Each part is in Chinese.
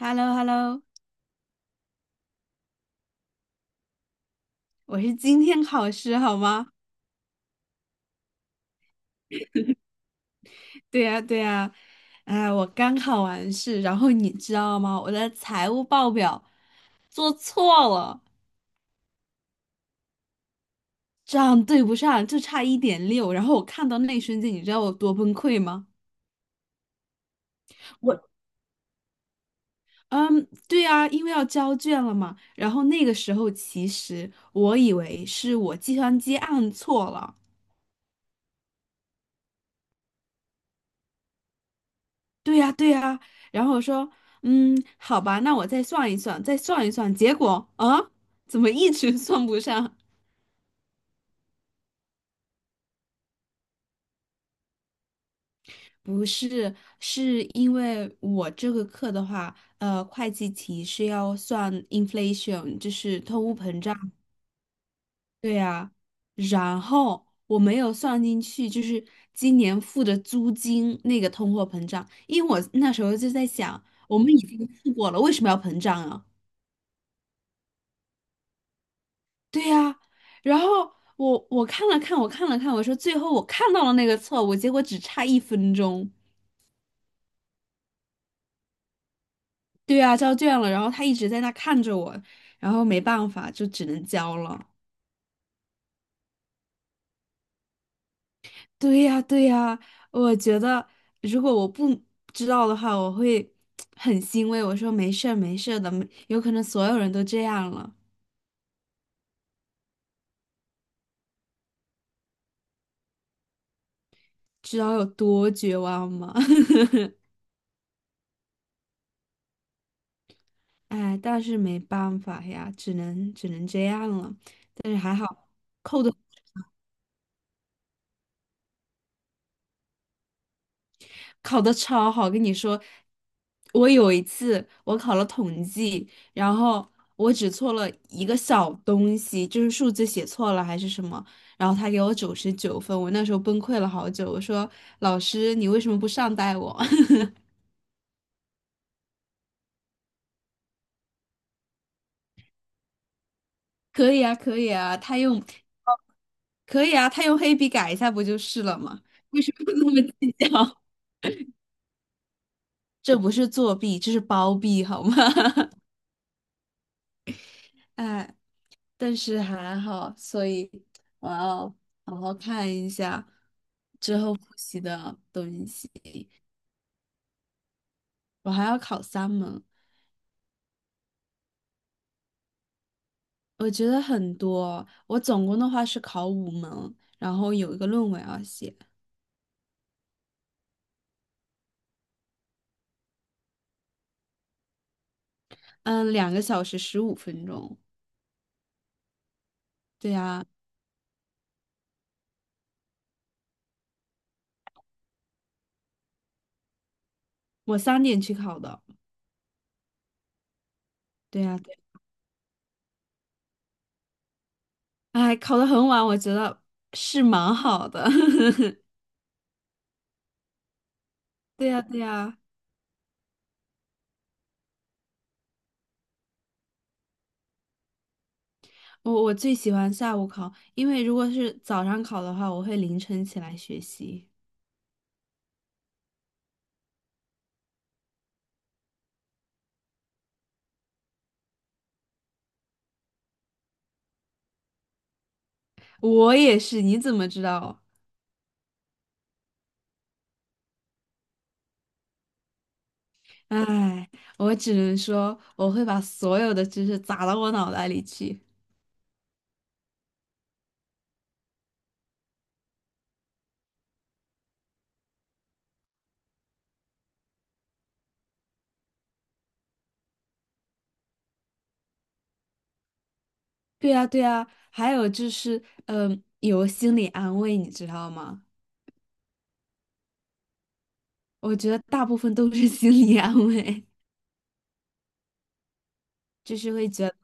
h e l l o h e l l o 我是今天考试好吗？对呀，对呀，哎，我刚考完试，然后你知道吗？我的财务报表做错了，账对不上，就差1.6。然后我看到那一瞬间，你知道我多崩溃吗？我，嗯，对啊，因为要交卷了嘛。然后那个时候，其实我以为是我计算机按错了。对呀，对呀。然后我说，好吧，那我再算一算，再算一算。结果啊，怎么一直 算不上？不是，是因为我这个课的话，会计题是要算 inflation，就是通货膨胀。对呀，然后我没有算进去，就是今年付的租金那个通货膨胀，因为我那时候就在想，我们已经付过了，为什么要膨胀啊？对呀、然后我看了看，我看了看，我说最后我看到了那个错误，结果只差1分钟。对呀、交卷了，然后他一直在那看着我，然后没办法，就只能交了。对呀、对呀、我觉得如果我不知道的话，我会 很欣慰。我说没事儿，没事儿的，没有可能所有人都这样了，知道有多绝望吗？哎，但是没办法呀，只能这样了。但是还好。扣的。考得超好，跟你说，我有一次我考了统计，然后我只错了一个小东西，就是数字写错了还是什么，然后他给我99分，我那时候崩溃了好久，我说老师你为什么不善待我？可以啊，可以啊，他用，可以啊，他用黑笔改一下不就是了吗？为什么那么计较？这不是作弊，这是包庇好吗？哎。但是还好，所以我要好好看一下之后复习的东西。我还要考3门，我觉得很多。我总共的话是考5门，然后有一个论文要写，嗯，2个小时15分钟。对呀，我3点去考的。对呀，对，哎，考的很晚，我觉得是蛮好的。对呀，对呀，我最喜欢下午考，因为如果是早上考的话，我会凌晨起来学习。我也是，你怎么知道？唉，我只能说我会把所有的知识砸到我脑袋里去。对呀，对呀，还有就是，有心理安慰，你知道吗？我觉得大部分都是 心理安慰，就是会觉得，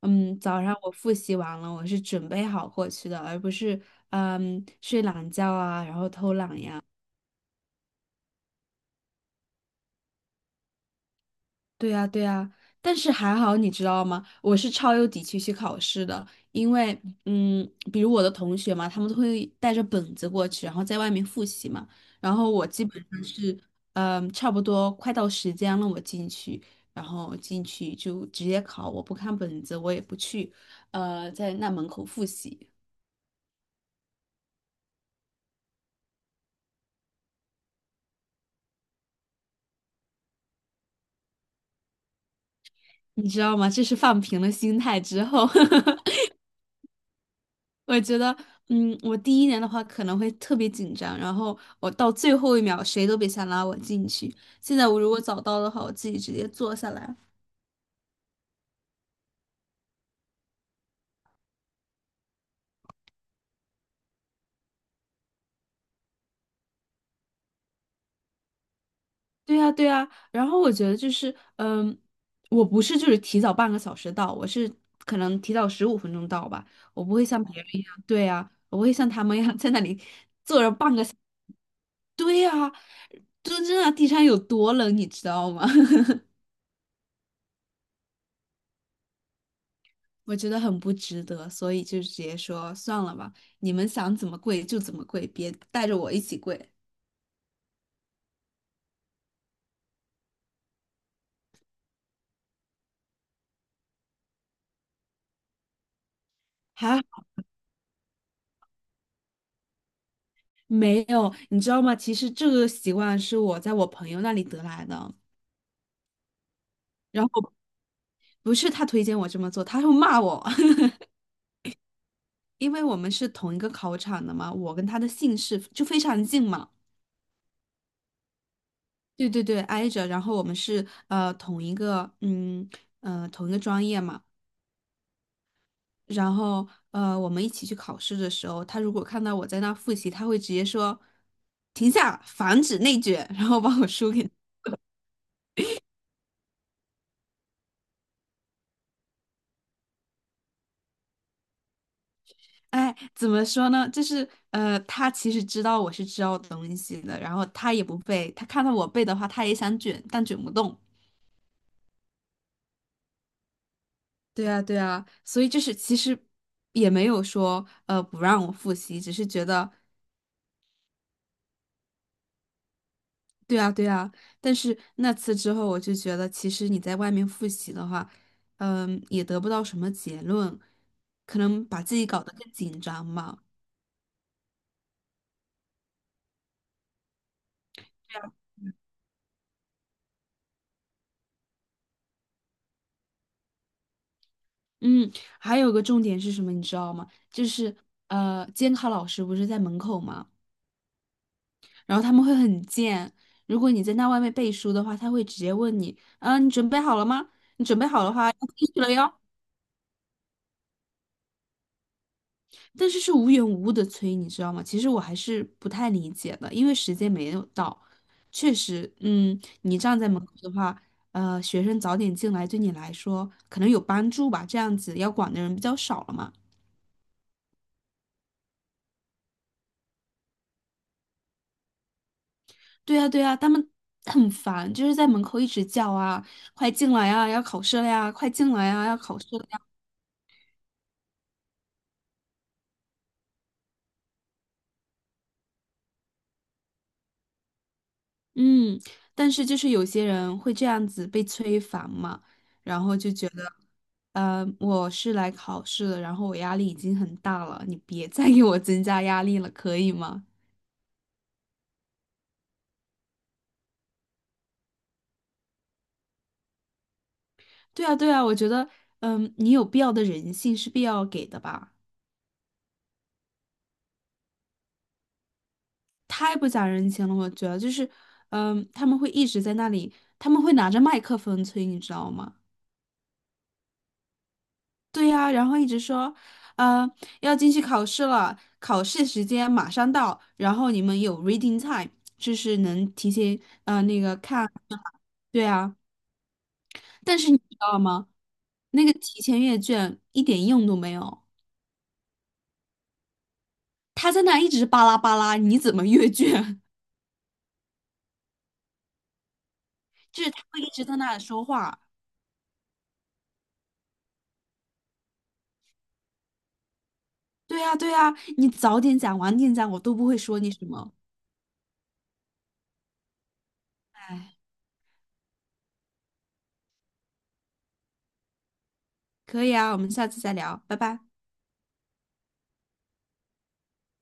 早上我复习完了，我是准备好过去的，而不是，睡懒觉啊，然后偷懒呀。对呀，对呀，但是还好，你知道吗？我是超有底气去考试的，因为，比如我的同学嘛，他们都会带着本子过去，然后在外面复习嘛。然后我基本上是，差不多快到时间了，我进去，然后进去就直接考，我不看本子，我也不去，在那门口复习，你知道吗？这是放平了心态之后。我觉得，我第一年的话可能会特别紧张，然后我到最后一秒谁都别想拉我进去。现在我如果早到的话，我自己直接坐下来。对呀，对呀，然后我觉得就是，我不是就是提早半个小时到，我是可能提早十五分钟到吧，我不会像别人一样，对呀，我不会像他们一样 在那里 对呀，真正的地上有多冷，你知道吗？我觉得很不值得，所以就直接说算了吧，你们想怎么跪就怎么跪，别带着我一起跪。还好没有，你知道吗？其实这个习惯是我在我朋友那里得来的，然后不是他推荐我这么做，他会骂我，因为我们是同一个考场的嘛，我跟他的姓氏就非常近嘛。对对对，挨着，然后我们是同一个专业嘛。然后我们一起去考试的时候，他如果看到我在那复习，他会直接说：“停下，防止内卷。然后把我书给。哎，怎么说呢？就是他其实知道我是知道东西的，然后他也不背，他看到我背的话，他也想卷，但卷不动。对啊，对啊，所以就是其实也没有说不让我复习，只是觉得。对啊，对啊，但是那次之后，我就觉得其实你在外面复习的话，也得不到什么结论，可能把自己搞得更紧张嘛。嗯，还有个重点是什么，你知道吗？就是监考老师不是在门口嘛，然后他们会很贱，如果你在那外面背书的话，他会直接问你，你准备好了吗？你准备好的话要开始了哟。但是是无缘无故的催，你知道吗？其实我还是不太理解的，因为时间没有到，确实，你站在门口的话，学生早点进来对你来说可能有帮助吧，这样子要管的人比较少了嘛。对呀对呀，他们 很烦，就是在门口一直叫啊，快进来啊，要考试了呀，快进来啊，要考试。了呀。嗯，但是就是有些人会这样子被催烦嘛，然后就觉得，我是来考试的，然后我压力已经很大了，你别再给我增加压力了，可以吗？对啊，对啊，我觉得，你有必要的人性是必要给的吧？太不讲人情了，我觉得就是，他们会一直在那里，他们会拿着麦克风催，你知道吗？对呀，然后一直说，呃，要进去考试了，考试时间马上到，然后你们有 reading time，就是能提前那个看，对啊，但是你知道吗？那个提前阅卷一点用都没有，他在那一直巴拉巴拉，你怎么阅卷？就是他会一直在那里说话。对呀，对呀，你早点讲，晚点讲，我都不会说你什么。哎，可以啊，我们下次再聊，拜拜。